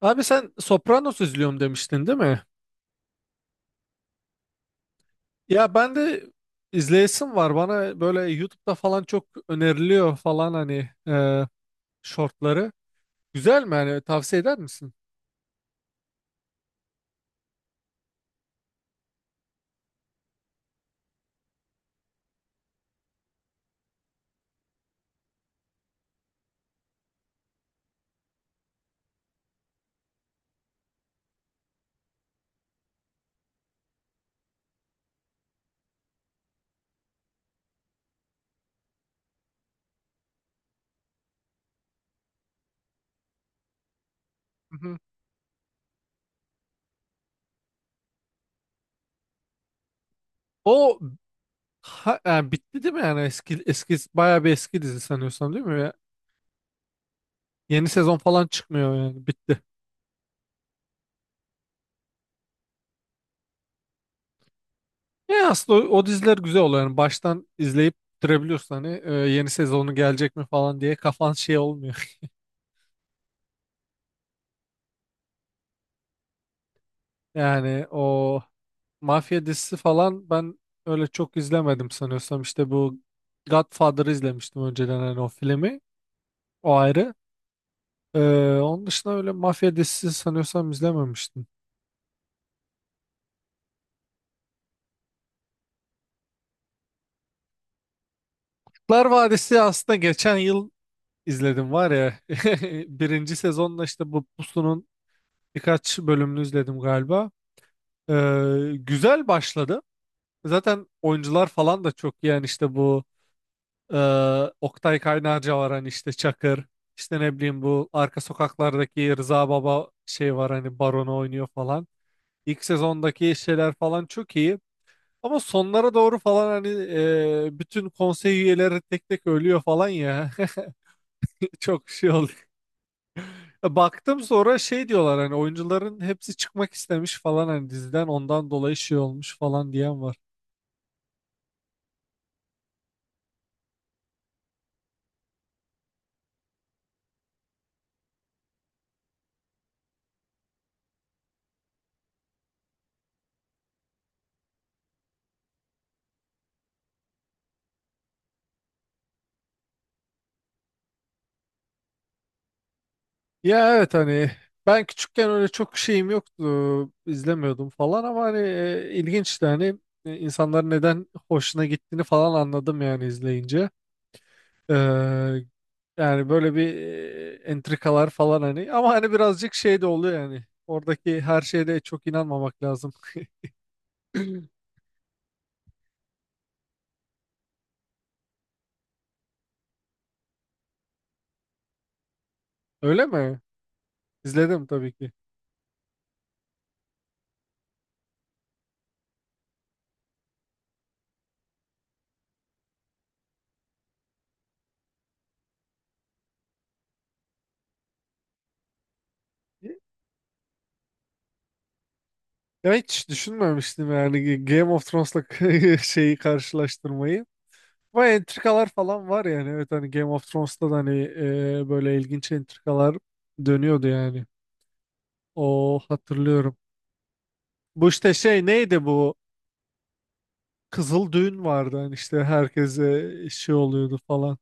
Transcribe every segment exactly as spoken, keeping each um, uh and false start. Abi sen Sopranos izliyorum demiştin değil mi? Ya ben de izleyesim var. Bana böyle YouTube'da falan çok öneriliyor falan hani e, shortları. Güzel mi yani tavsiye eder misin? Hı hı. O ha- yani bitti değil mi yani eski eski bayağı bir eski dizi sanıyorsam değil mi? Ya, yeni sezon falan çıkmıyor yani bitti. Ya aslında o, o diziler güzel oluyor yani baştan izleyip bitirebiliyorsun hani e, yeni sezonu gelecek mi falan diye kafan şey olmuyor. Yani o mafya dizisi falan ben öyle çok izlemedim sanıyorsam. İşte bu Godfather'ı izlemiştim önceden hani o filmi. O ayrı. Ee, onun dışında öyle mafya dizisi sanıyorsam izlememiştim. Kurtlar Vadisi aslında geçen yıl izledim var ya. Birinci sezonla işte bu Pusu'nun birkaç bölümünü izledim galiba. Ee, güzel başladı. Zaten oyuncular falan da çok iyi. Yani işte bu Ee, Oktay Kaynarca var hani işte Çakır. İşte ne bileyim bu arka sokaklardaki Rıza Baba şey var hani baronu oynuyor falan. İlk sezondaki şeyler falan çok iyi. Ama sonlara doğru falan hani e, bütün konsey üyeleri tek tek ölüyor falan ya. Çok şey oldu. Baktım sonra şey diyorlar hani oyuncuların hepsi çıkmak istemiş falan hani diziden ondan dolayı şey olmuş falan diyen var. Ya evet hani ben küçükken öyle çok şeyim yoktu izlemiyordum falan ama hani e, ilginçti hani e, insanların neden hoşuna gittiğini falan anladım yani izleyince. Ee, Yani böyle bir e, entrikalar falan hani ama hani birazcık şey de oluyor yani oradaki her şeye de çok inanmamak lazım. Öyle mi? İzledim tabii ki. Ya hiç düşünmemiştim yani Game of Thrones'la şeyi karşılaştırmayı. Ama entrikalar falan var yani. Evet hani Game of Thrones'ta da hani e, böyle ilginç entrikalar dönüyordu yani. O hatırlıyorum. Bu işte şey neydi bu? Kızıl düğün vardı hani işte herkese şey oluyordu falan.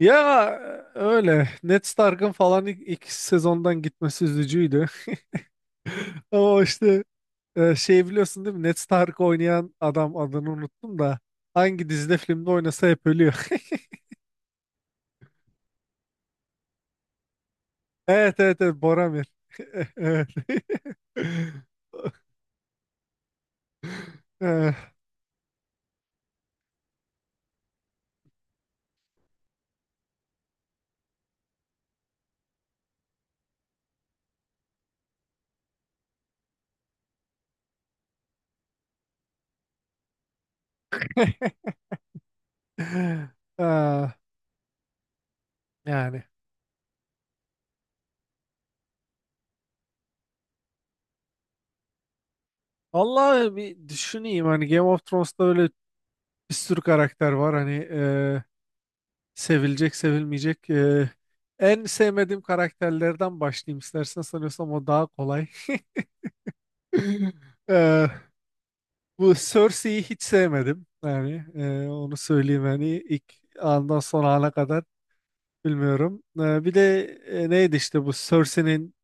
Ya öyle. Ned Stark'ın falan ilk, ilk sezondan gitmesi üzücüydü. Ama işte e, şey biliyorsun değil mi? Ned Stark oynayan adam adını unuttum da hangi dizide filmde oynasa hep ölüyor. Evet evet evet Boromir. Evet. Eh, ah, yani. Allah bir düşüneyim hani Game of Thrones'ta böyle bir sürü karakter var hani eh, sevilecek sevilmeyecek eh, en sevmediğim karakterlerden başlayayım istersen sanıyorsam o daha kolay. Eh, Bu Cersei'yi hiç sevmedim yani eh, onu söyleyeyim hani ilk andan son ana kadar. Bilmiyorum. Ee, bir de e, neydi işte bu Cersei'nin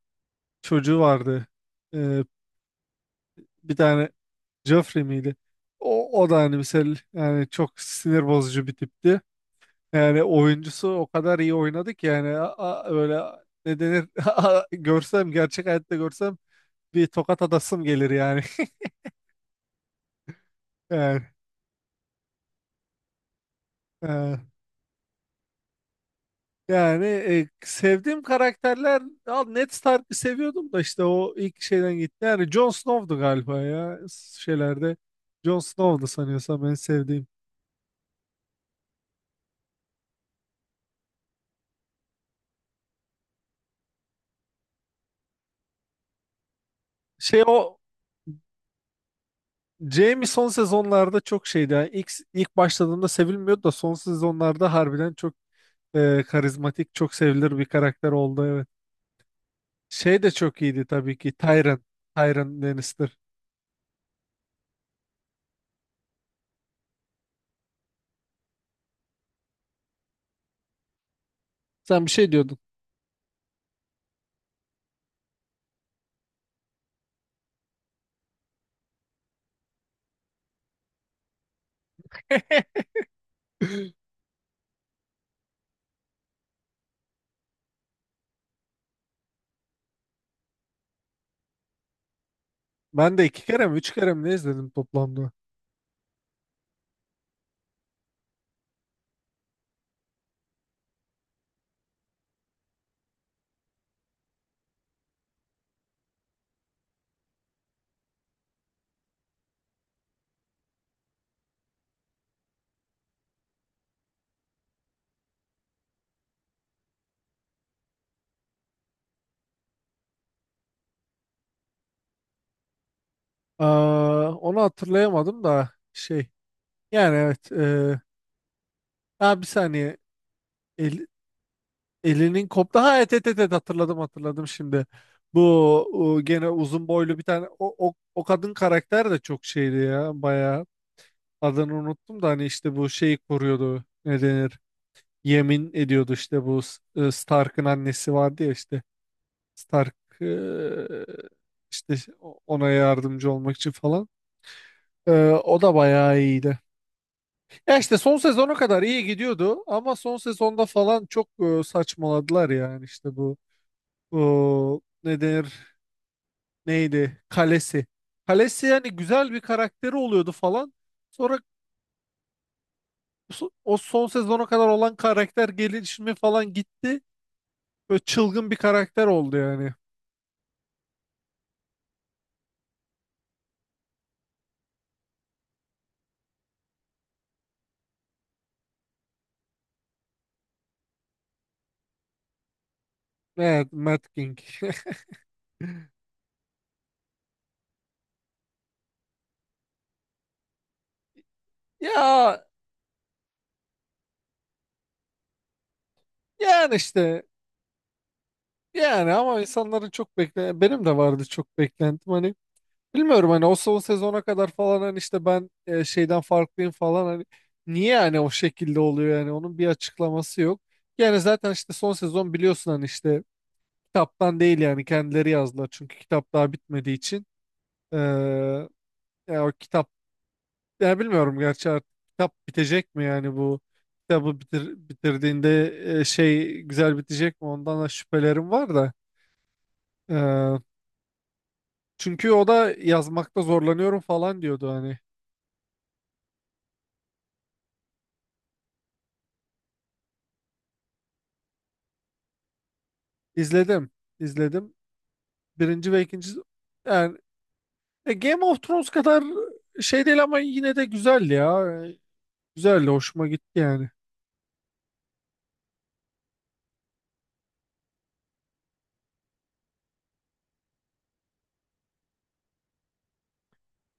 çocuğu vardı. Ee, Bir tane Joffrey miydi? O, o da hani mesela yani çok sinir bozucu bir tipti. Yani oyuncusu o kadar iyi oynadı ki yani a- a- böyle ne denir a- a- görsem gerçek hayatta görsem bir tokat atasım gelir yani. Yani, e, Yani e, sevdiğim karakterler al Ned Stark'ı seviyordum da işte o ilk şeyden gitti. Yani Jon Snow'du galiba ya şeylerde. Jon Snow'du sanıyorsam en sevdiğim. Şey o Jaime son sezonlarda çok şeydi. Yani ilk, ilk başladığında sevilmiyordu da son sezonlarda harbiden çok e, karizmatik, çok sevilir bir karakter oldu evet. Şey de çok iyiydi tabii ki Tyrion. Tyrion Lannister. Sen bir şey diyordun. Ben de iki kere mi üç kere mi ne izledim toplamda? Aa, onu hatırlayamadım da şey yani evet e, ha bir saniye El- elinin koptu ha et et et et, hatırladım hatırladım şimdi bu o gene uzun boylu bir tane o, o, o kadın karakter de çok şeydi ya bayağı adını unuttum da hani işte bu şeyi koruyordu ne denir yemin ediyordu işte bu S- e, Stark'ın annesi vardı ya işte Stark e, işte ona yardımcı olmak için falan E, o da bayağı iyiydi. Ya işte son sezona kadar iyi gidiyordu ama son sezonda falan çok e, saçmaladılar yani işte bu o, ne denir neydi kalesi. Kalesi yani güzel bir karakteri oluyordu falan. Sonra so- o son sezona kadar olan karakter gelişimi falan gitti. Böyle çılgın bir karakter oldu yani. Evet, Matt King. Ya yani işte yani ama insanların çok bekle benim de vardı çok beklentim. Hani bilmiyorum hani o son sezona kadar falan hani işte ben e, şeyden farklıyım falan hani niye yani o şekilde oluyor yani onun bir açıklaması yok. Yani zaten işte son sezon biliyorsun hani işte kitaptan değil yani kendileri yazdılar çünkü kitap daha bitmediği için. Ee, Ya o kitap ya bilmiyorum gerçi artık kitap bitecek mi yani bu kitabı bitir, bitirdiğinde e, şey güzel bitecek mi ondan da şüphelerim var da. Ee, Çünkü o da yazmakta zorlanıyorum falan diyordu hani izledim izledim. Birinci ve ikinci yani e, Game of Thrones kadar şey değil ama yine de güzeldi ya. E, Güzeldi, hoşuma gitti yani.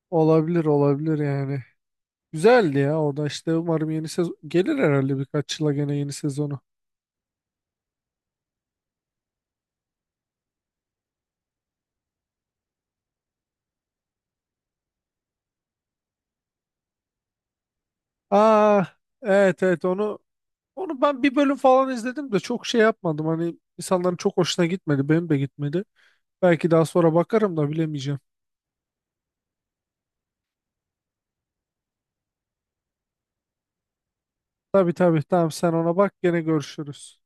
Olabilir, olabilir yani. Güzeldi ya. Orada işte umarım yeni sezon gelir herhalde birkaç yıla gene yeni sezonu. Aa, evet evet onu onu ben bir bölüm falan izledim de çok şey yapmadım. Hani insanların çok hoşuna gitmedi. Benim de gitmedi. Belki daha sonra bakarım da bilemeyeceğim. Tabii tabii tamam sen ona bak gene görüşürüz.